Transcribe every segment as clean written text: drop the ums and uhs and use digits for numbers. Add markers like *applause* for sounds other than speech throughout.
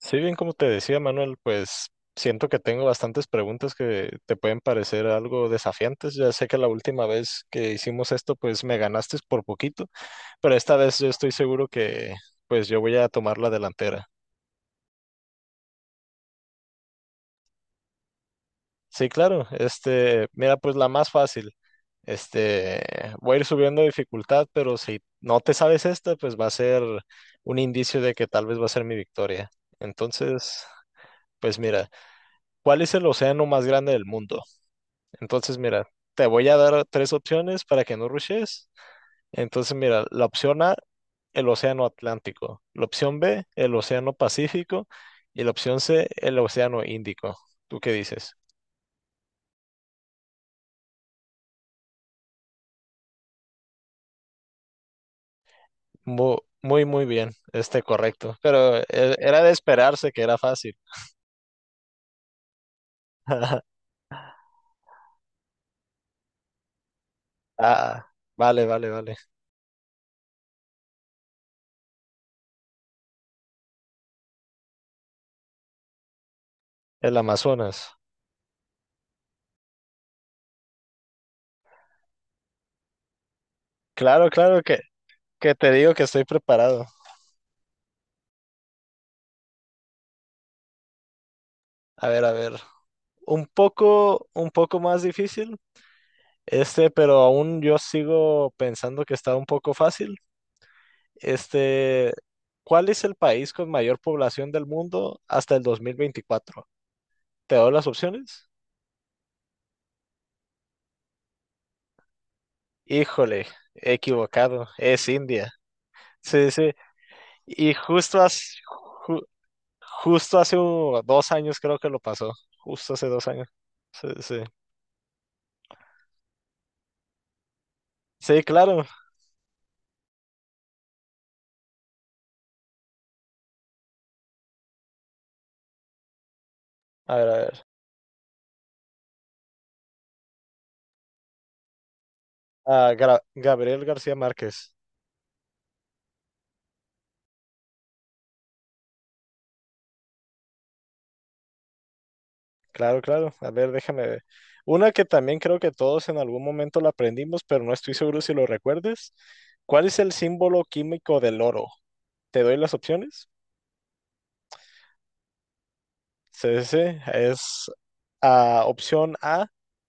Sí, bien, como te decía Manuel, pues siento que tengo bastantes preguntas que te pueden parecer algo desafiantes. Ya sé que la última vez que hicimos esto, pues me ganaste por poquito, pero esta vez yo estoy seguro que pues yo voy a tomar la delantera. Sí, claro, mira, pues la más fácil. Este, voy a ir subiendo dificultad, pero si no te sabes esta, pues va a ser un indicio de que tal vez va a ser mi victoria. Entonces, pues mira, ¿cuál es el océano más grande del mundo? Entonces, mira, te voy a dar tres opciones para que no rushes. Entonces, mira, la opción A, el Océano Atlántico. La opción B, el Océano Pacífico. Y la opción C, el Océano Índico. ¿Tú qué dices? Muy, muy, muy bien. Correcto. Pero era de esperarse que era fácil. *laughs* Ah, vale, vale, vale. El Amazonas. Claro, claro que te digo que estoy preparado. A ver, a ver. Un poco más difícil. Pero aún yo sigo pensando que está un poco fácil. Este, ¿Cuál es el país con mayor población del mundo hasta el 2024? ¿Te doy las opciones? Híjole, equivocado, es India. Sí, sí. Y justo hace, ju- justo hace 2 años creo que lo pasó. Justo hace 2 años. Sí, sí. Sí, claro. A ver, a ver. Ah, Gabriel García Márquez. Claro, claro. A ver, déjame ver. Una que también creo que todos en algún momento la aprendimos, pero no estoy seguro si lo recuerdes. ¿Cuál es el símbolo químico del oro? Te doy las opciones. C, C. es Opción A,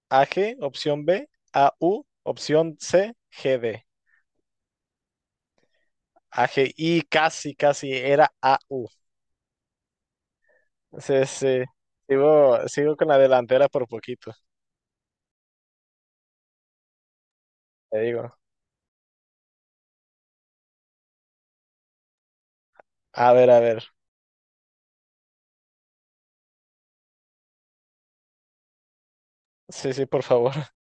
AG, opción B, AU, opción C, GD. AG, y casi, casi era AU. AU. CC. Sigo, sigo con la delantera por poquito, te digo. A ver, a ver. Sí, sí, por favor. *laughs*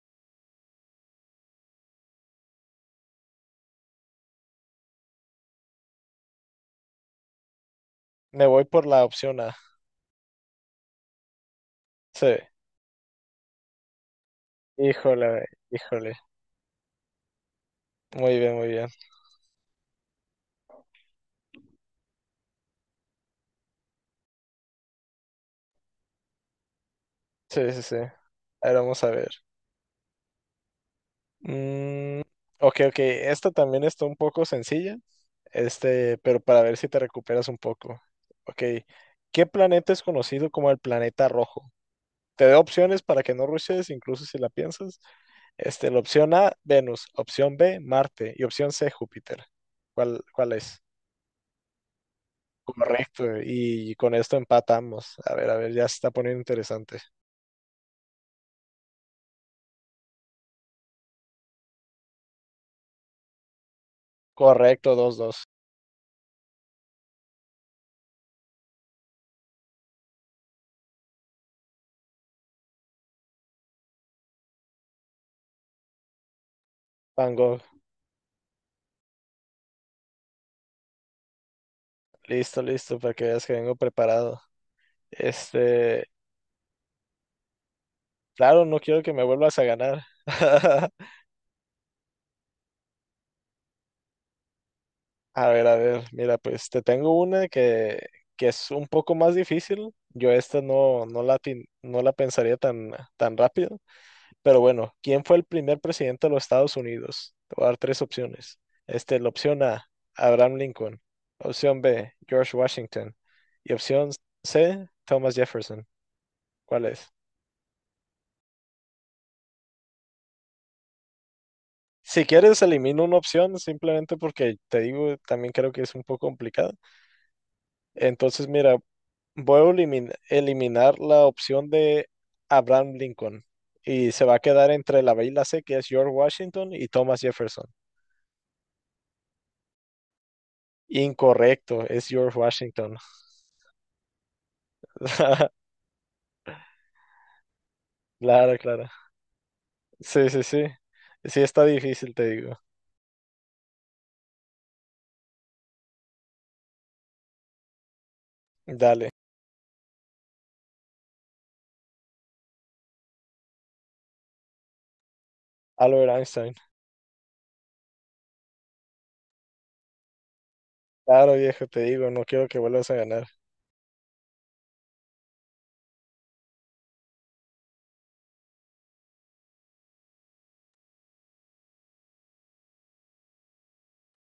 Me voy por la opción A. Sí. Híjole, híjole. Muy bien, muy bien. Sí, sí, sí. Ahora vamos a ver. Mm, ok, ok. Esta también está un poco sencilla. Pero para ver si te recuperas un poco. Ok. ¿Qué planeta es conocido como el planeta rojo? Te doy opciones para que no rushes, incluso si la piensas. La opción A, Venus. Opción B, Marte. Y opción C, Júpiter. ¿Cuál es? Correcto. Y con esto empatamos. A ver, ya se está poniendo interesante. Correcto, 2-2. Van Gogh, listo, listo, para que veas que vengo preparado. Este, claro, no quiero que me vuelvas a ganar. *laughs* A ver, mira, pues te tengo una que es un poco más difícil. Yo esta no, no la, no la pensaría tan, tan rápido. Pero bueno, ¿quién fue el primer presidente de los Estados Unidos? Te voy a dar tres opciones. La opción A, Abraham Lincoln. Opción B, George Washington. Y opción C, Thomas Jefferson. ¿Cuál es? Si quieres, elimino una opción simplemente porque te digo, también creo que es un poco complicado. Entonces, mira, voy a eliminar la opción de Abraham Lincoln y se va a quedar entre la B y la C, que es George Washington y Thomas Jefferson. Incorrecto, es George Washington. *laughs* Claro, claro. Sí, sí, sí. Sí, está difícil, te digo. Dale, Albert Einstein. Claro, viejo, te digo, no quiero que vuelvas a ganar.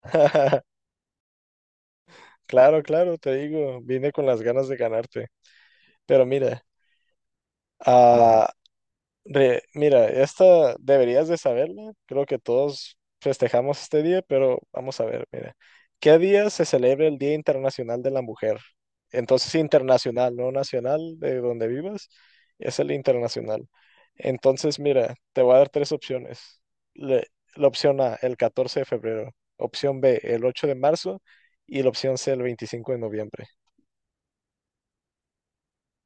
*laughs* Claro, claro, te digo, vine con las ganas de ganarte. Pero mira, ah, mira, esta deberías de saberla. Creo que todos festejamos este día, pero vamos a ver, mira. ¿Qué día se celebra el Día Internacional de la Mujer? Entonces, internacional, no nacional, de donde vivas, es el internacional. Entonces, mira, te voy a dar tres opciones. Le- la opción A, el 14 de febrero. Opción B, el 8 de marzo. Y la opción C, el 25 de noviembre.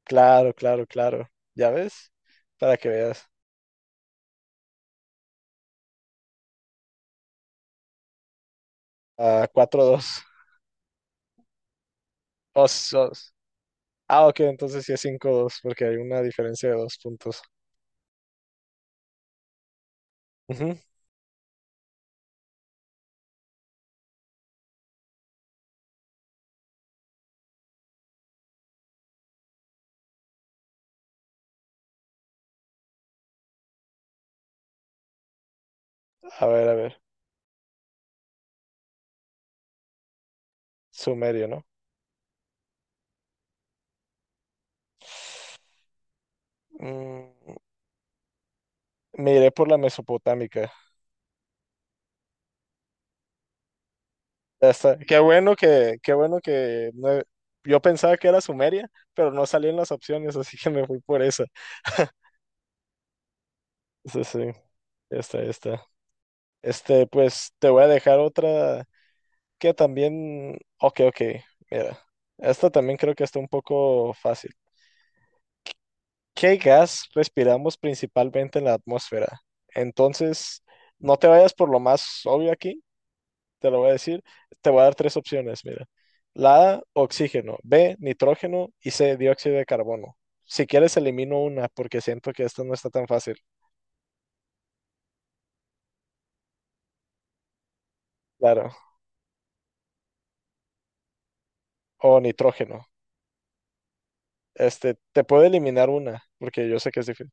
Claro, claro, claro. ¿Ya ves? Para que veas. Ah, 4-2. Os, os. Ah, ok, entonces sí es 5-2 porque hay una diferencia de 2 puntos. Ujú. A ver, a ver. Sumerio, ¿no? Mm, me iré por la mesopotámica. Ya está. Qué bueno que no- Yo pensaba que era Sumeria, pero no salían las opciones, así que me fui por esa. *laughs* Sí, sí, ya está, ya está. Pues te voy a dejar otra que también. Ok, ok, mira. Esta también creo que está un poco fácil. ¿Qué gas respiramos principalmente en la atmósfera? Entonces, no te vayas por lo más obvio aquí, te lo voy a decir. Te voy a dar tres opciones, mira. La A, oxígeno, B, nitrógeno y C, dióxido de carbono. Si quieres, elimino una porque siento que esta no está tan fácil. Claro, o nitrógeno. Te puedo eliminar una porque yo sé que es difícil.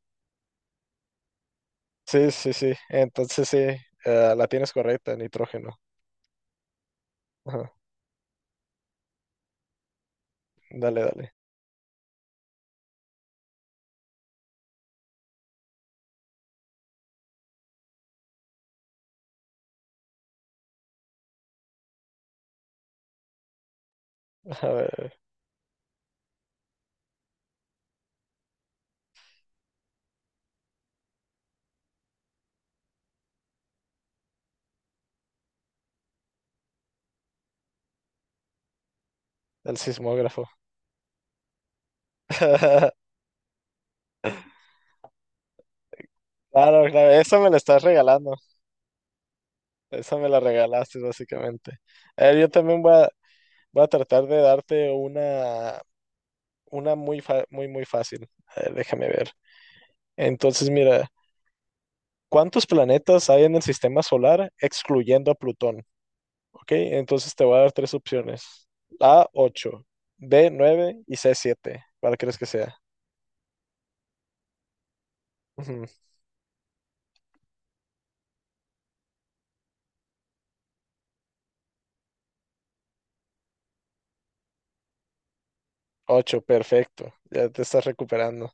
Sí, sí, sí. Entonces, sí, la tienes correcta, nitrógeno. Ajá. Dale, dale. *laughs* A ver, el sismógrafo. *laughs* Claro, claro, eso me la estás regalando, eso me la regalaste básicamente. A ver, yo también voy a tratar de darte una muy, muy fácil. A ver, déjame ver. Entonces, mira, ¿cuántos planetas hay en el sistema solar excluyendo a Plutón? ¿Ok? Entonces te voy a dar tres opciones. A, 8, B, 9 y C, 7. ¿Cuál crees que sea? Ujú, 8, perfecto, ya te estás recuperando.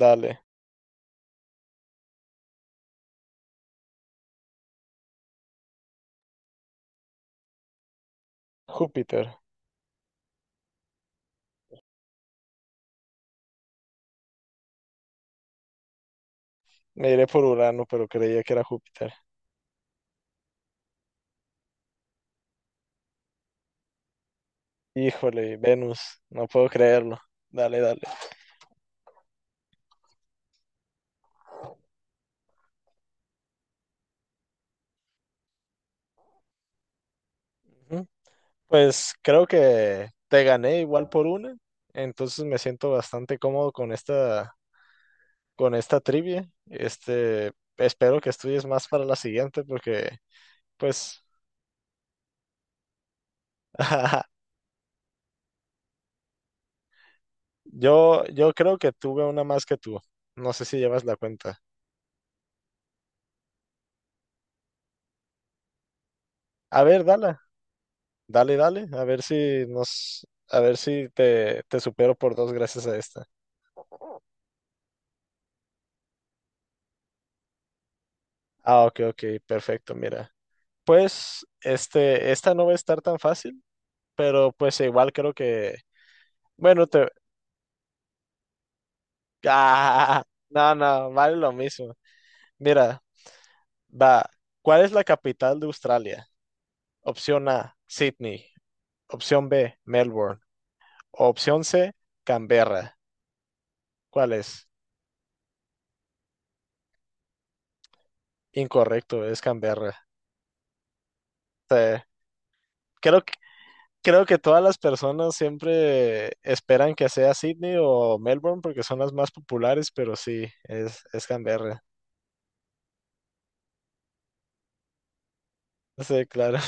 Dale, Júpiter. Me iré por Urano, pero creía que era Júpiter. Híjole, Venus, no puedo creerlo. Dale, dale. Ujú. Pues creo que te gané igual por una, entonces me siento bastante cómodo con esta, trivia. Espero que estudies más para la siguiente porque, pues, *laughs* yo creo que tuve una más que tú. No sé si llevas la cuenta. A ver, dale, dale, dale, a ver si te, te supero por dos gracias a esta. Ah, ok, ok, perfecto, mira. Pues esta no va a estar tan fácil, pero pues igual creo que, bueno, te... *laughs* Ah, no, no, vale lo mismo. Mira, va. ¿Cuál es la capital de Australia? Opción A, Sydney. Opción B, Melbourne. Opción C, Canberra. ¿Cuál es? Incorrecto, es Canberra. Te- Creo que, creo que todas las personas siempre esperan que sea Sydney o Melbourne porque son las más populares, pero sí, es Canberra. Sí, claro.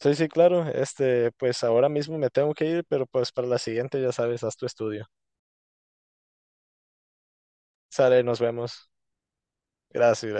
Sí, sí, claro. Pues ahora mismo me tengo que ir, pero pues para la siguiente ya sabes, haz tu estudio. Sale, nos vemos. Gracias.